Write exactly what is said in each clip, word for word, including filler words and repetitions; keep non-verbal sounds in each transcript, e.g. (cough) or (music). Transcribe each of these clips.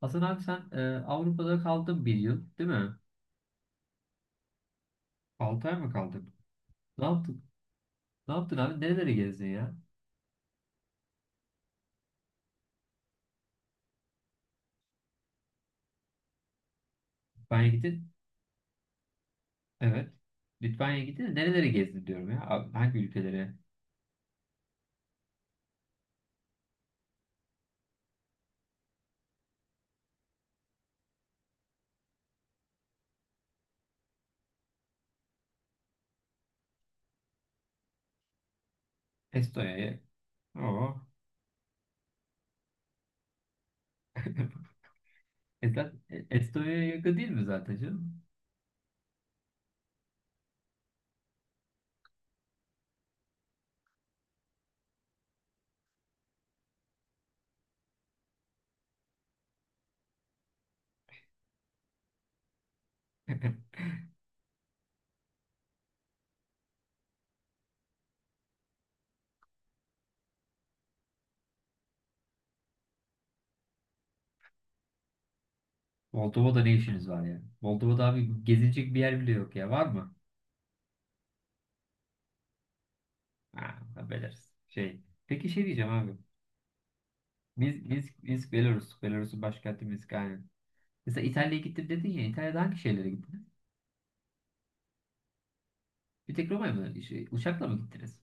Hasan abi sen e, Avrupa'da kaldın bir yıl değil mi? Altı ay mı kaldın? Ne yaptın? Ne yaptın abi? Nerelere gezdin ya? Litvanya'ya gittin. Evet. Litvanya'ya gittin de nerelere gezdin diyorum ya. Abi, hangi ülkelere? Estonya'ya. Oo. (laughs) E zaten- e, Estonya'ya yakın değil mi zaten canım? (laughs) Moldova'da ne işiniz var ya? Moldova'da abi gezilecek bir yer bile yok ya. Var mı? Ha, haberleriz. Şey. Peki şey diyeceğim abi. Minsk, Minsk, Minsk Belarus. Belarus'un başkenti Minsk aynen. Mesela İtalya'ya gittim dedin ya. İtalya'da hangi şehirlere gittin? Bir tek Roma'ya mı? Şey, uçakla mı gittiniz?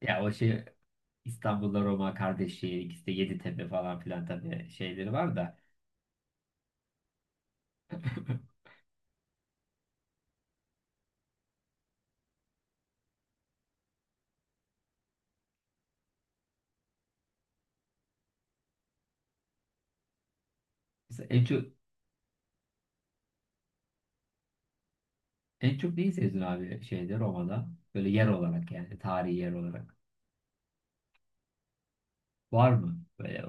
Ya o şey, İstanbul'da Roma kardeş şehir, ikisi de Yeditepe falan filan, tabii şeyleri var da. (laughs) Mesela en çok en çok neyi sevdin abi şeyde, Roma'da? Böyle yer olarak yani, tarihi yer olarak. Var mı böyle?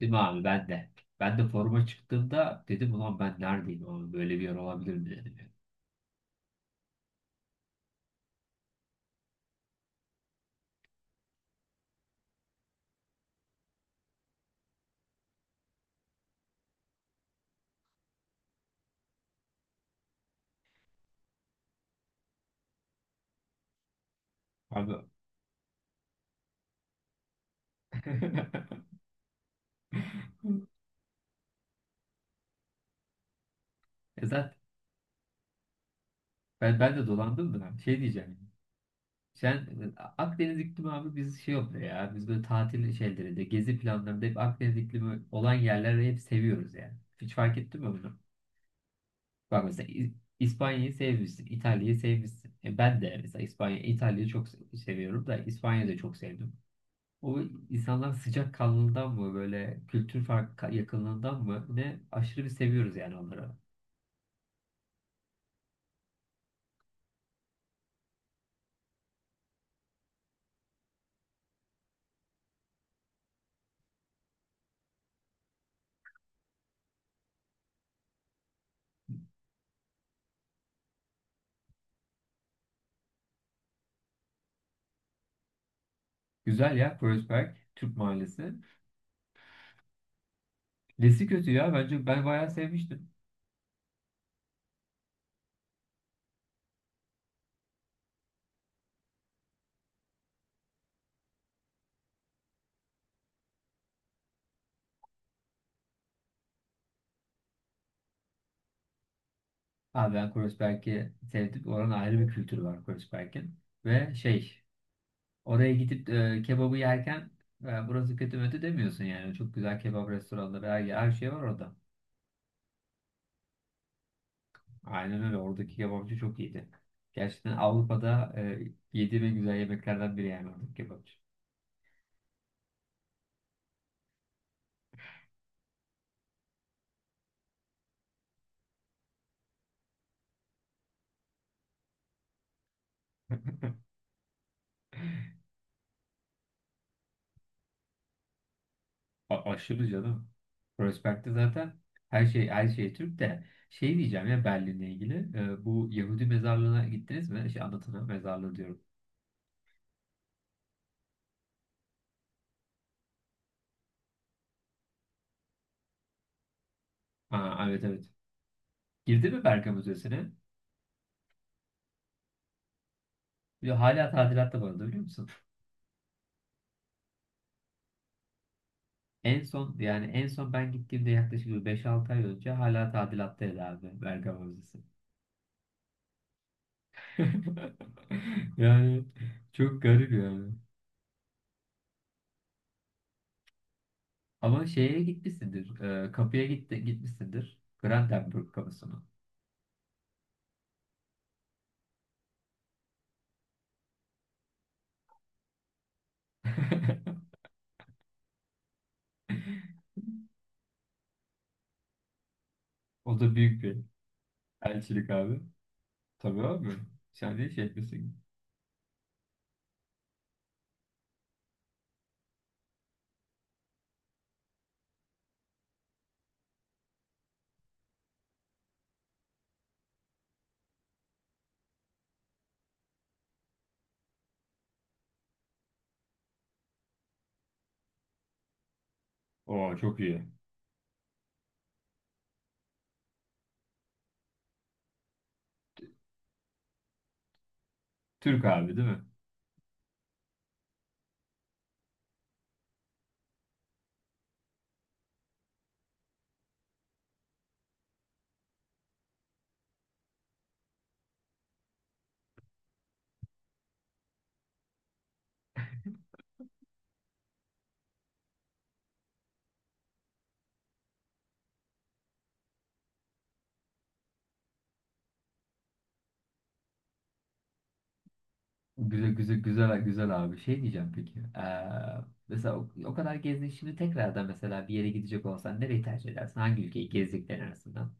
Değil mi abi, ben de. Ben de foruma çıktığımda dedim ulan ben neredeyim abi, böyle bir yer olabilir mi dedim ya. Abi. (laughs) E zaten ben, ben de dolandım da şey diyeceğim. Sen e, Akdeniz iklimi abi, biz şey oluyor ya. Biz böyle tatil şeylerinde, gezi planlarında hep Akdeniz iklimi olan yerleri hep seviyoruz yani. Hiç fark ettin mi bunu? Bak mesela İ- İspanya'yı sevmişsin, İtalya'yı sevmişsin. E ben de mesela İspanya, İtalya'yı çok se- seviyorum da İspanya'yı da çok sevdim. O insanlar sıcak kanlılığından mı, böyle kültür fark yakınlığından mı ne, aşırı bir seviyoruz yani onları. Güzel ya, Kreuzberg Türk Mahallesi. Nesi kötü ya, bence ben bayağı sevmiştim. Abi ben Kreuzberg'i sevdim. Oranın ayrı bir kültürü var Kreuzberg'in. Ve şey, oraya gidip e, kebabı yerken, e, burası kötü mötü demiyorsun yani. Çok güzel kebap restoranları, her, her şey var orada. Aynen öyle. Oradaki kebapçı çok iyiydi. Gerçekten Avrupa'da e, yediğim en güzel yemeklerden biri yani oradaki kebapçı. A- aşırı canım. Kreuzberg'de zaten her şey her şey Türk de şey diyeceğim ya Berlin'le ilgili. E, bu Yahudi mezarlığına gittiniz mi? Şey, anlatana mezarlığı diyorum. Aa, evet evet. Girdi mi Bergama Müzesi'ne? Ve hala tadilatta bu arada, biliyor musun? En son yani en son ben gittiğimde yaklaşık bir beş altı ay önce hala tadilattaydı abi Bergama Müzesi. (laughs) Yani çok garip yani. Ama şeye gitmişsindir. E, kapıya gitti, gitmişsindir. Brandenburg kapısına. (laughs) O da büyük bir elçilik abi. Tabii abi. Sen de şey etmesin. Oo, çok iyi. Türk abi değil mi? Güzel güzel güzel güzel abi. Şey diyeceğim peki. Eee, mesela o, o kadar gezdin şimdi, tekrardan mesela bir yere gidecek olsan nereyi tercih edersin? Hangi ülkeyi, gezdiklerin arasından?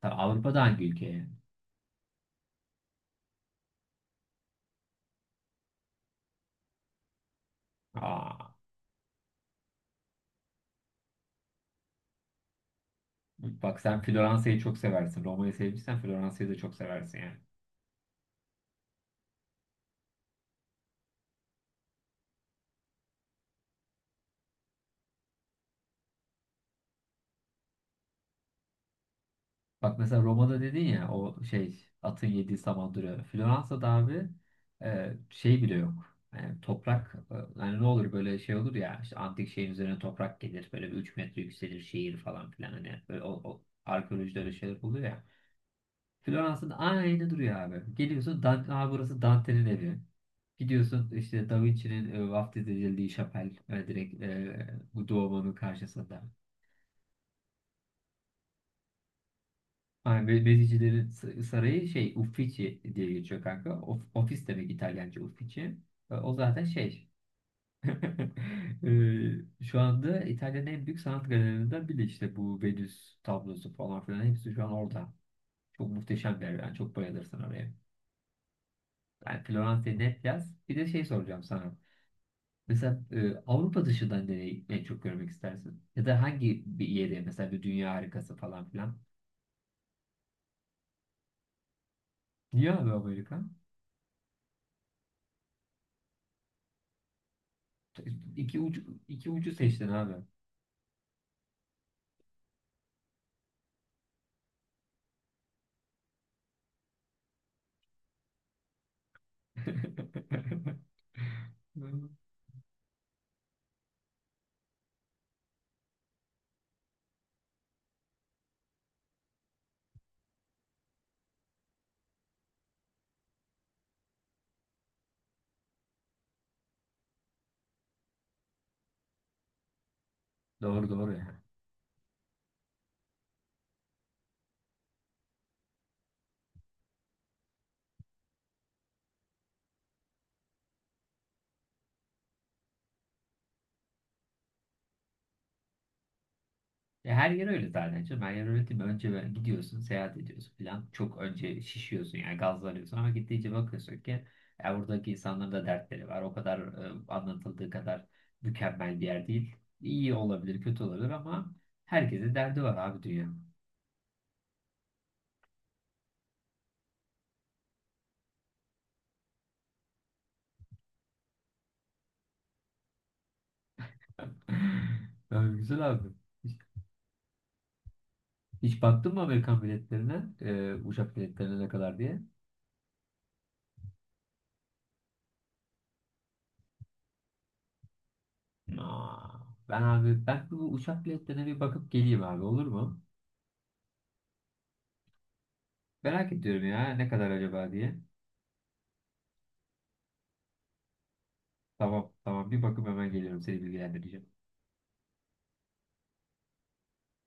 Tabii Avrupa'da hangi ülkeye? Aa, bak sen Floransa'yı çok seversin. Roma'yı sevmişsen Floransa'yı da çok seversin yani. Bak mesela Roma'da dedin ya, o şey, atın yediği saman duruyor. Floransa'da abi e, şey bile yok. Yani toprak, e, yani ne olur böyle şey olur ya, işte antik şeyin üzerine toprak gelir, böyle bir üç metre yükselir şehir falan filan, hani böyle o, o arkeolojide öyle şeyler oluyor ya. Floransa'da aynı duruyor abi. Geliyorsun Dante, "Aa, burası Dante'nin evi." Gidiyorsun işte Da Vinci'nin e, vaftiz edildiği şapel, e, direkt, e, bu Duomo'nun karşısında. Aynen Be- Bezicilerin s- sarayı şey, Uffizi diye geçiyor kanka. Of- ofis demek İtalyanca Uffizi. E, o zaten şey. (laughs) E, şu anda İtalya'nın en büyük sanat galerilerinden biri işte, bu Venüs tablosu falan filan hepsi şu an orada. Çok muhteşem bir yer. Yani çok bayılırsın oraya. Yani Floransa'yı net yaz. Bir de şey soracağım sana. Mesela e, Avrupa dışından nereyi en çok görmek istersin? Ya da hangi bir yeri, mesela bir dünya harikası falan filan? Niye abi Amerika? İki ucu, iki ucu seçtin abi. (laughs) Doğru doğru ya. Ya her yer öyle zaten canım. Her yer öyle değil mi? Önce böyle gidiyorsun, seyahat ediyorsun falan. Çok önce şişiyorsun yani, gazlanıyorsun ama gittiğince bakıyorsun ki ya, buradaki insanların da dertleri var. O kadar e, anlatıldığı kadar mükemmel bir yer değil. İyi olabilir, kötü olabilir ama herkesin derdi var abi, dünya. (laughs) Ya güzel abi. Hiç, Hiç baktın mı Amerikan biletlerine? E, uçak biletlerine ne kadar diye? Aa, ben abi ben bu uçak biletlerine bir bakıp geleyim abi, olur mu? Merak ediyorum ya, ne kadar acaba diye. Tamam tamam bir bakıp hemen geliyorum, seni bilgilendireceğim.